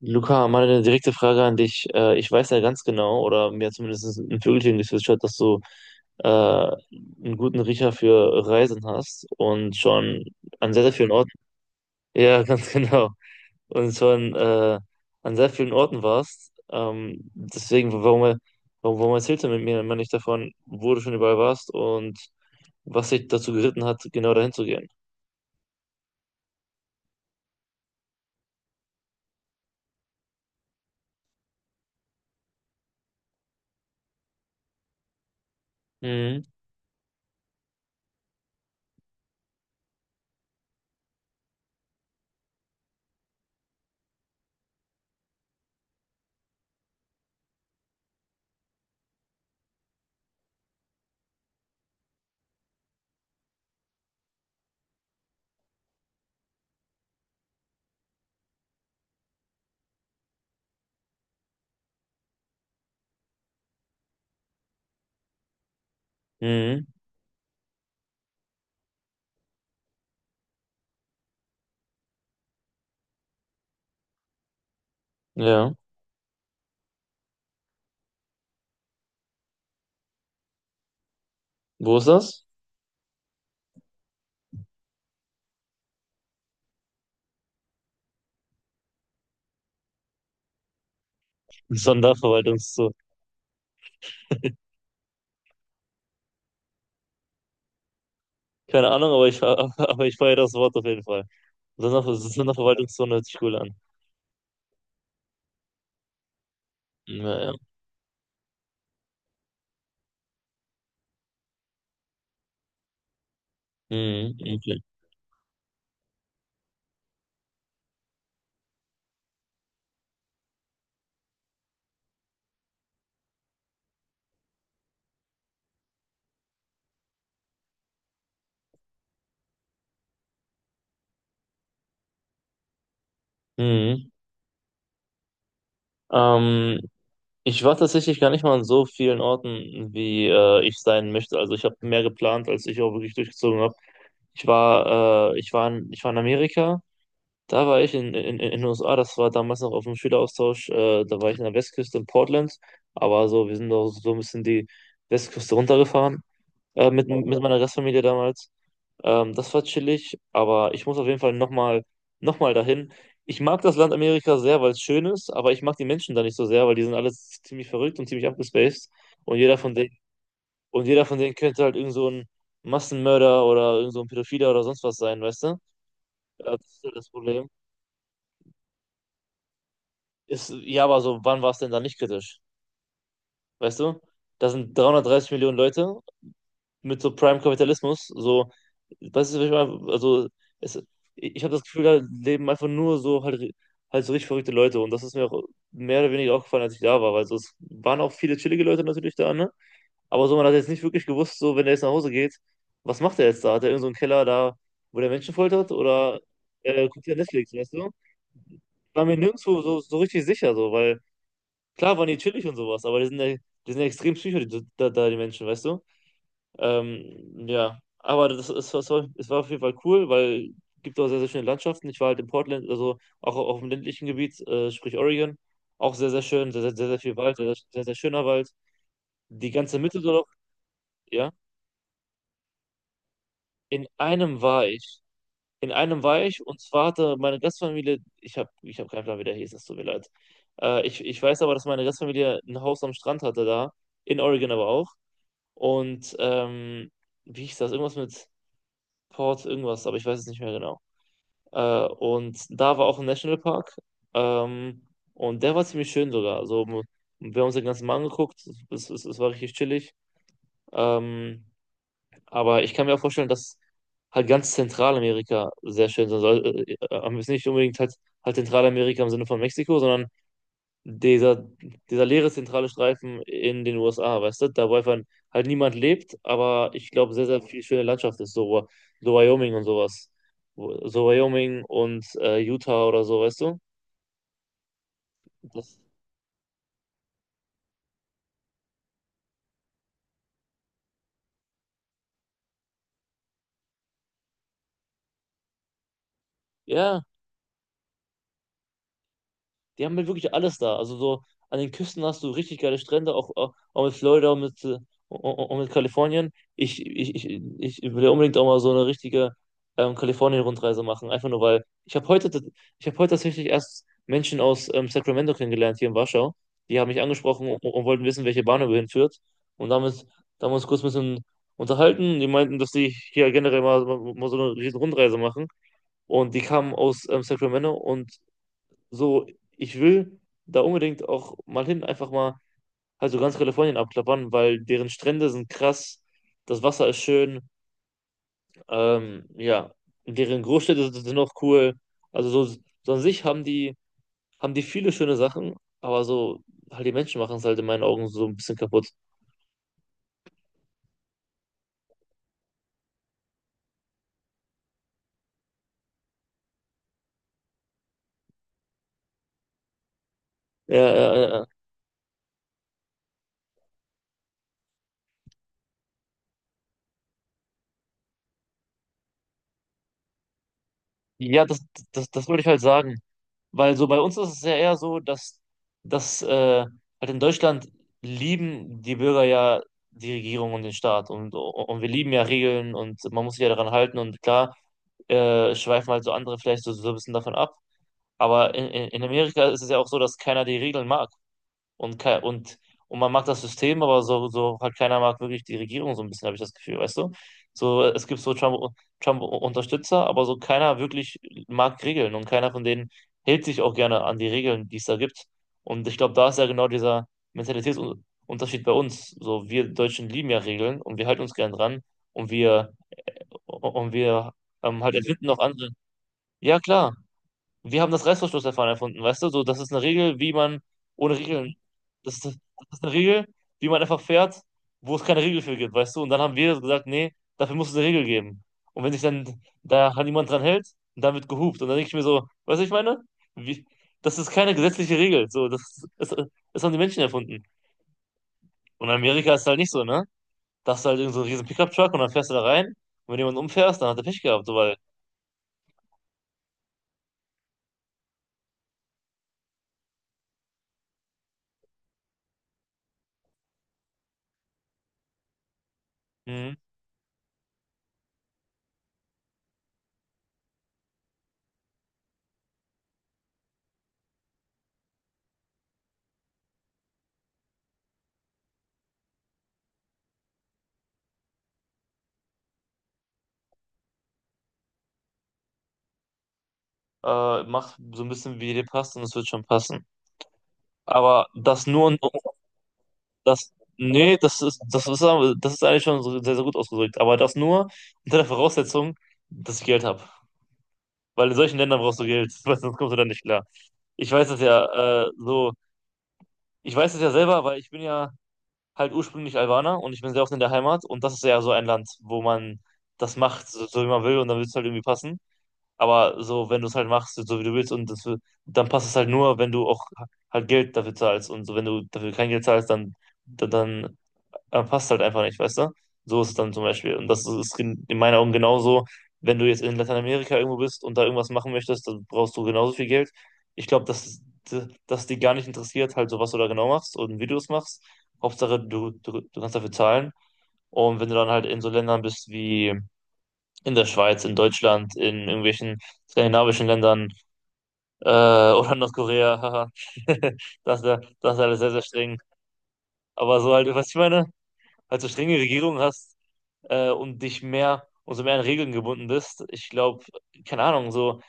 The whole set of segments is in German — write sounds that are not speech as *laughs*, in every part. Luca, mal eine direkte Frage an dich. Ich weiß ja ganz genau, oder mir hat zumindest ein Vögelchen gezwitschert, dass du einen guten Riecher für Reisen hast und schon an sehr, sehr vielen Orten, ja, ganz *laughs* genau, und schon an sehr vielen Orten warst. Deswegen, warum erzählst du mit mir immer nicht davon, wo du schon überall warst und was dich dazu geritten hat, genau dahin zu gehen? Mhm. Mhm. Ja. Wo ist das? *laughs* Sonderverwaltungszoo. Keine Ahnung, aber ich, *laughs* aber ich feiere das Wort auf jeden Fall. Sonder Verwaltungszone hört sich cool an. Naja. Mhm, okay. Mhm. Ähm, Ich war tatsächlich gar nicht mal an so vielen Orten, wie ich sein möchte. Also ich habe mehr geplant, als ich auch wirklich durchgezogen habe. Ich war in Amerika, da war ich in den USA, das war damals noch auf dem Schüleraustausch, da war ich in der Westküste in Portland, aber so, wir sind auch so ein bisschen die Westküste runtergefahren, mit meiner Gastfamilie damals. Das war chillig, aber ich muss auf jeden Fall noch mal dahin. Ich mag das Land Amerika sehr, weil es schön ist, aber ich mag die Menschen da nicht so sehr, weil die sind alle ziemlich verrückt und ziemlich abgespaced. Und jeder von denen, und jeder von denen könnte halt irgend so ein Massenmörder oder irgend so ein Pädophiler oder sonst was sein, weißt du? Das ist halt das Problem. Ist, ja, aber so, wann war es denn da nicht kritisch? Weißt du? Da sind 330 Millionen Leute mit so Prime-Kapitalismus. So, weißt du, was ich meine? Also, es, ich habe das Gefühl, da leben einfach nur so halt so richtig verrückte Leute. Und das ist mir auch mehr oder weniger aufgefallen, als ich da war. Weil so, es waren auch viele chillige Leute natürlich da, ne? Aber so, man hat jetzt nicht wirklich gewusst, so, wenn er jetzt nach Hause geht, was macht er jetzt da? Hat er irgend so einen Keller da, wo der Menschen foltert? Oder guckt er Netflix, weißt du? War mir nirgendwo so, so richtig sicher, so, weil klar waren die chillig und sowas, aber die sind ja extrem psycho, die, da, da, die Menschen, weißt du? Ja, aber das ist was. Es war auf jeden Fall cool, weil es gibt auch sehr, sehr schöne Landschaften. Ich war halt in Portland, also auch auf dem ländlichen Gebiet, sprich Oregon, auch sehr, sehr schön, sehr, sehr, sehr, sehr viel Wald, sehr, sehr, sehr schöner Wald. Die ganze Mitte dort auch, ja. In einem war ich. In einem war ich und zwar hatte meine Gastfamilie, ich hab keinen Plan, wie der hieß, es tut mir leid. Ich weiß aber, dass meine Gastfamilie ein Haus am Strand hatte da, in Oregon aber auch. Und wie hieß das? Irgendwas mit Port, irgendwas, aber ich weiß es nicht mehr genau. Und da war auch ein Nationalpark. Ähm, und der war ziemlich schön sogar. Also, wir haben uns den ganzen Mal angeguckt. Es war richtig chillig. Ähm, aber ich kann mir auch vorstellen, dass halt ganz Zentralamerika sehr schön sein soll. Aber jetzt nicht unbedingt halt Zentralamerika im Sinne von Mexiko, sondern dieser, dieser leere zentrale Streifen in den USA, weißt du, da wo einfach halt niemand lebt, aber ich glaube, sehr, sehr viel schöne Landschaft ist, so, so Wyoming und sowas. So Wyoming und Utah oder so, weißt du? Das, ja. Die haben halt wirklich alles da. Also so an den Küsten hast du richtig geile Strände, auch mit Florida und mit Kalifornien. Ich will ja unbedingt auch mal so eine richtige Kalifornien-Rundreise machen. Einfach nur, weil ich habe heute tatsächlich erst Menschen aus Sacramento kennengelernt hier in Warschau. Die haben mich angesprochen und wollten wissen, welche Bahnhöhe hinführt. Und damit, Da haben wir uns kurz ein bisschen unterhalten. Die meinten, dass die hier generell mal so eine riesen Rundreise machen. Und die kamen aus Sacramento und so, ich will da unbedingt auch mal hin, einfach mal halt so ganz Kalifornien abklappern, weil deren Strände sind krass, das Wasser ist schön, ja, deren Großstädte sind auch cool. Also so, so an sich haben die viele schöne Sachen, aber so, halt die Menschen machen es halt in meinen Augen so ein bisschen kaputt. Ja, ja, ja. Ja, ja, das wollte ich halt sagen. Weil so bei uns ist es ja eher so, dass halt in Deutschland lieben die Bürger ja die Regierung und den Staat, und wir lieben ja Regeln und man muss sich ja daran halten und klar schweifen halt so andere vielleicht so, so ein bisschen davon ab. Aber in Amerika ist es ja auch so, dass keiner die Regeln mag und, ke- und, und man mag das System, aber so, so halt keiner mag wirklich die Regierung so ein bisschen, habe ich das Gefühl, weißt du? So, es gibt so Trump-Unterstützer, aber so keiner wirklich mag Regeln und keiner von denen hält sich auch gerne an die Regeln, die es da gibt. Und ich glaube, da ist ja genau dieser Mentalitätsunterschied bei uns. So, wir Deutschen lieben ja Regeln und wir halten uns gern dran und wir und wir halt erfinden noch andere. Ja, klar. Wir haben das Reißverschlussverfahren erfunden, weißt du? So, das ist eine Regel, wie man ohne Regeln. Das ist eine Regel, wie man einfach fährt, wo es keine Regel für gibt, weißt du? Und dann haben wir gesagt, nee, dafür muss es eine Regel geben. Und wenn sich dann da niemand dran hält, dann wird gehupt. Und dann denke ich mir so, weißt du, ich meine? Wie, das ist keine gesetzliche Regel. So, das haben die Menschen erfunden. Und in Amerika ist es halt nicht so, ne? Da hast du halt irgend so einen riesen Pickup-Truck und dann fährst du da rein. Und wenn jemand umfährst, dann hat er Pech gehabt, so weil, hm, mach so ein bisschen, wie dir passt und es wird schon passen. Aber das nur, nee, das ist eigentlich schon so sehr, sehr gut ausgedrückt. Aber das nur unter der Voraussetzung, dass ich Geld habe. Weil in solchen Ländern brauchst du Geld, *laughs* weil sonst kommst du da nicht klar. Ich weiß das ja, so, ich weiß das ja selber, weil ich bin ja halt ursprünglich Albaner und ich bin sehr oft in der Heimat und das ist ja so ein Land, wo man das macht, so, so wie man will und dann wird es halt irgendwie passen. Aber so, wenn du es halt machst, so wie du willst dann passt es halt nur, wenn du auch halt Geld dafür zahlst und so, wenn du dafür kein Geld zahlst, dann Aber passt halt einfach nicht, weißt du? So ist es dann zum Beispiel. Und das ist in meinen Augen genauso, wenn du jetzt in Lateinamerika irgendwo bist und da irgendwas machen möchtest, dann brauchst du genauso viel Geld. Ich glaube, dass die gar nicht interessiert, halt so was du da genau machst und wie du es machst. Hauptsache, du kannst dafür zahlen. Und wenn du dann halt in so Ländern bist wie in der Schweiz, in Deutschland, in irgendwelchen skandinavischen Ländern *laughs* oder Nordkorea, haha, *laughs* das ist ja, das ist alles sehr, sehr streng. Aber so halt, was ich meine, halt so strenge Regierungen hast, und umso mehr an Regeln gebunden bist. Ich glaube, keine Ahnung, so,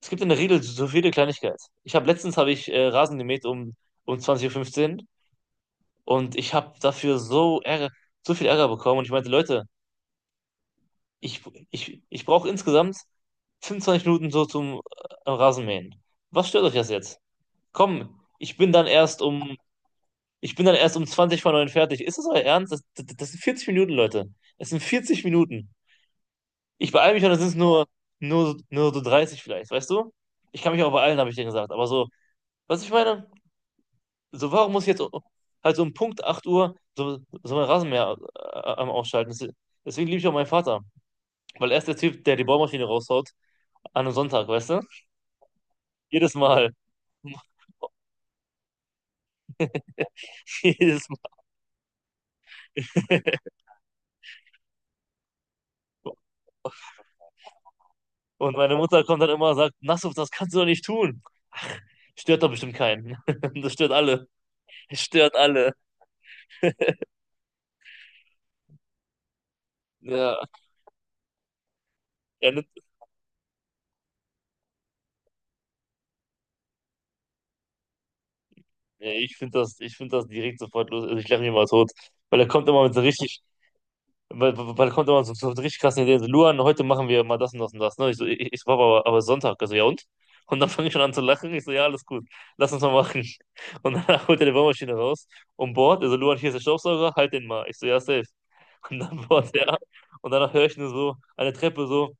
es gibt in der Regel so viele Kleinigkeiten. Ich habe letztens habe ich Rasen gemäht um 20:15 Uhr fünfzehn und ich habe dafür so Ärger, so viel Ärger bekommen und ich meinte, Leute, ich, ich brauche insgesamt 25 Minuten so zum Rasenmähen. Was stört euch das jetzt? Komm, ich bin dann erst um 20 vor 9 fertig. Ist das euer Ernst? Das sind 40 Minuten, Leute. Es sind 40 Minuten. Ich beeile mich und es ist nur so 30 vielleicht, weißt du? Ich kann mich auch beeilen, habe ich dir gesagt. Aber so, was ich meine, so warum muss ich jetzt halt so um Punkt 8 Uhr so, so mein Rasenmäher am Ausschalten? Deswegen liebe ich auch meinen Vater. Weil er ist der Typ, der die Bohrmaschine raushaut an einem Sonntag, weißt du? Jedes Mal. *laughs* Jedes Mal. Und meine Mutter kommt dann immer und sagt, Nassuf, das kannst du doch nicht tun. Ach, stört doch bestimmt keinen. *laughs* Das stört alle. Es stört alle. Ja, ja, nee, ich finde das direkt sofort los. Also ich lache mich mal tot. Weil er kommt immer mit so richtig, weil er kommt immer so, so mit richtig krassen Ideen. So, Luan, heute machen wir mal das und das und das. Ne? Ich so, Papa, aber Sonntag. Also, ja und? Und dann fange ich schon an zu lachen. Ich so, ja, alles gut. Lass uns mal machen. Und dann *laughs* holt er die Bohrmaschine raus und bohrt. Also, Luan, hier ist der Staubsauger, halt den mal. Ich so, ja, safe. Und dann bohrt er. Und danach höre ich nur so eine Treppe so,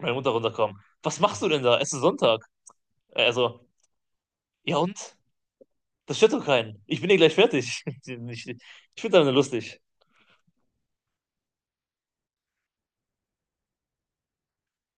meine Mutter runterkommen. Was machst du denn da? Es ist Sonntag. Also, ja und? Das stört doch keinen. Ich bin eh gleich fertig. *laughs* Ich finde deine lustig.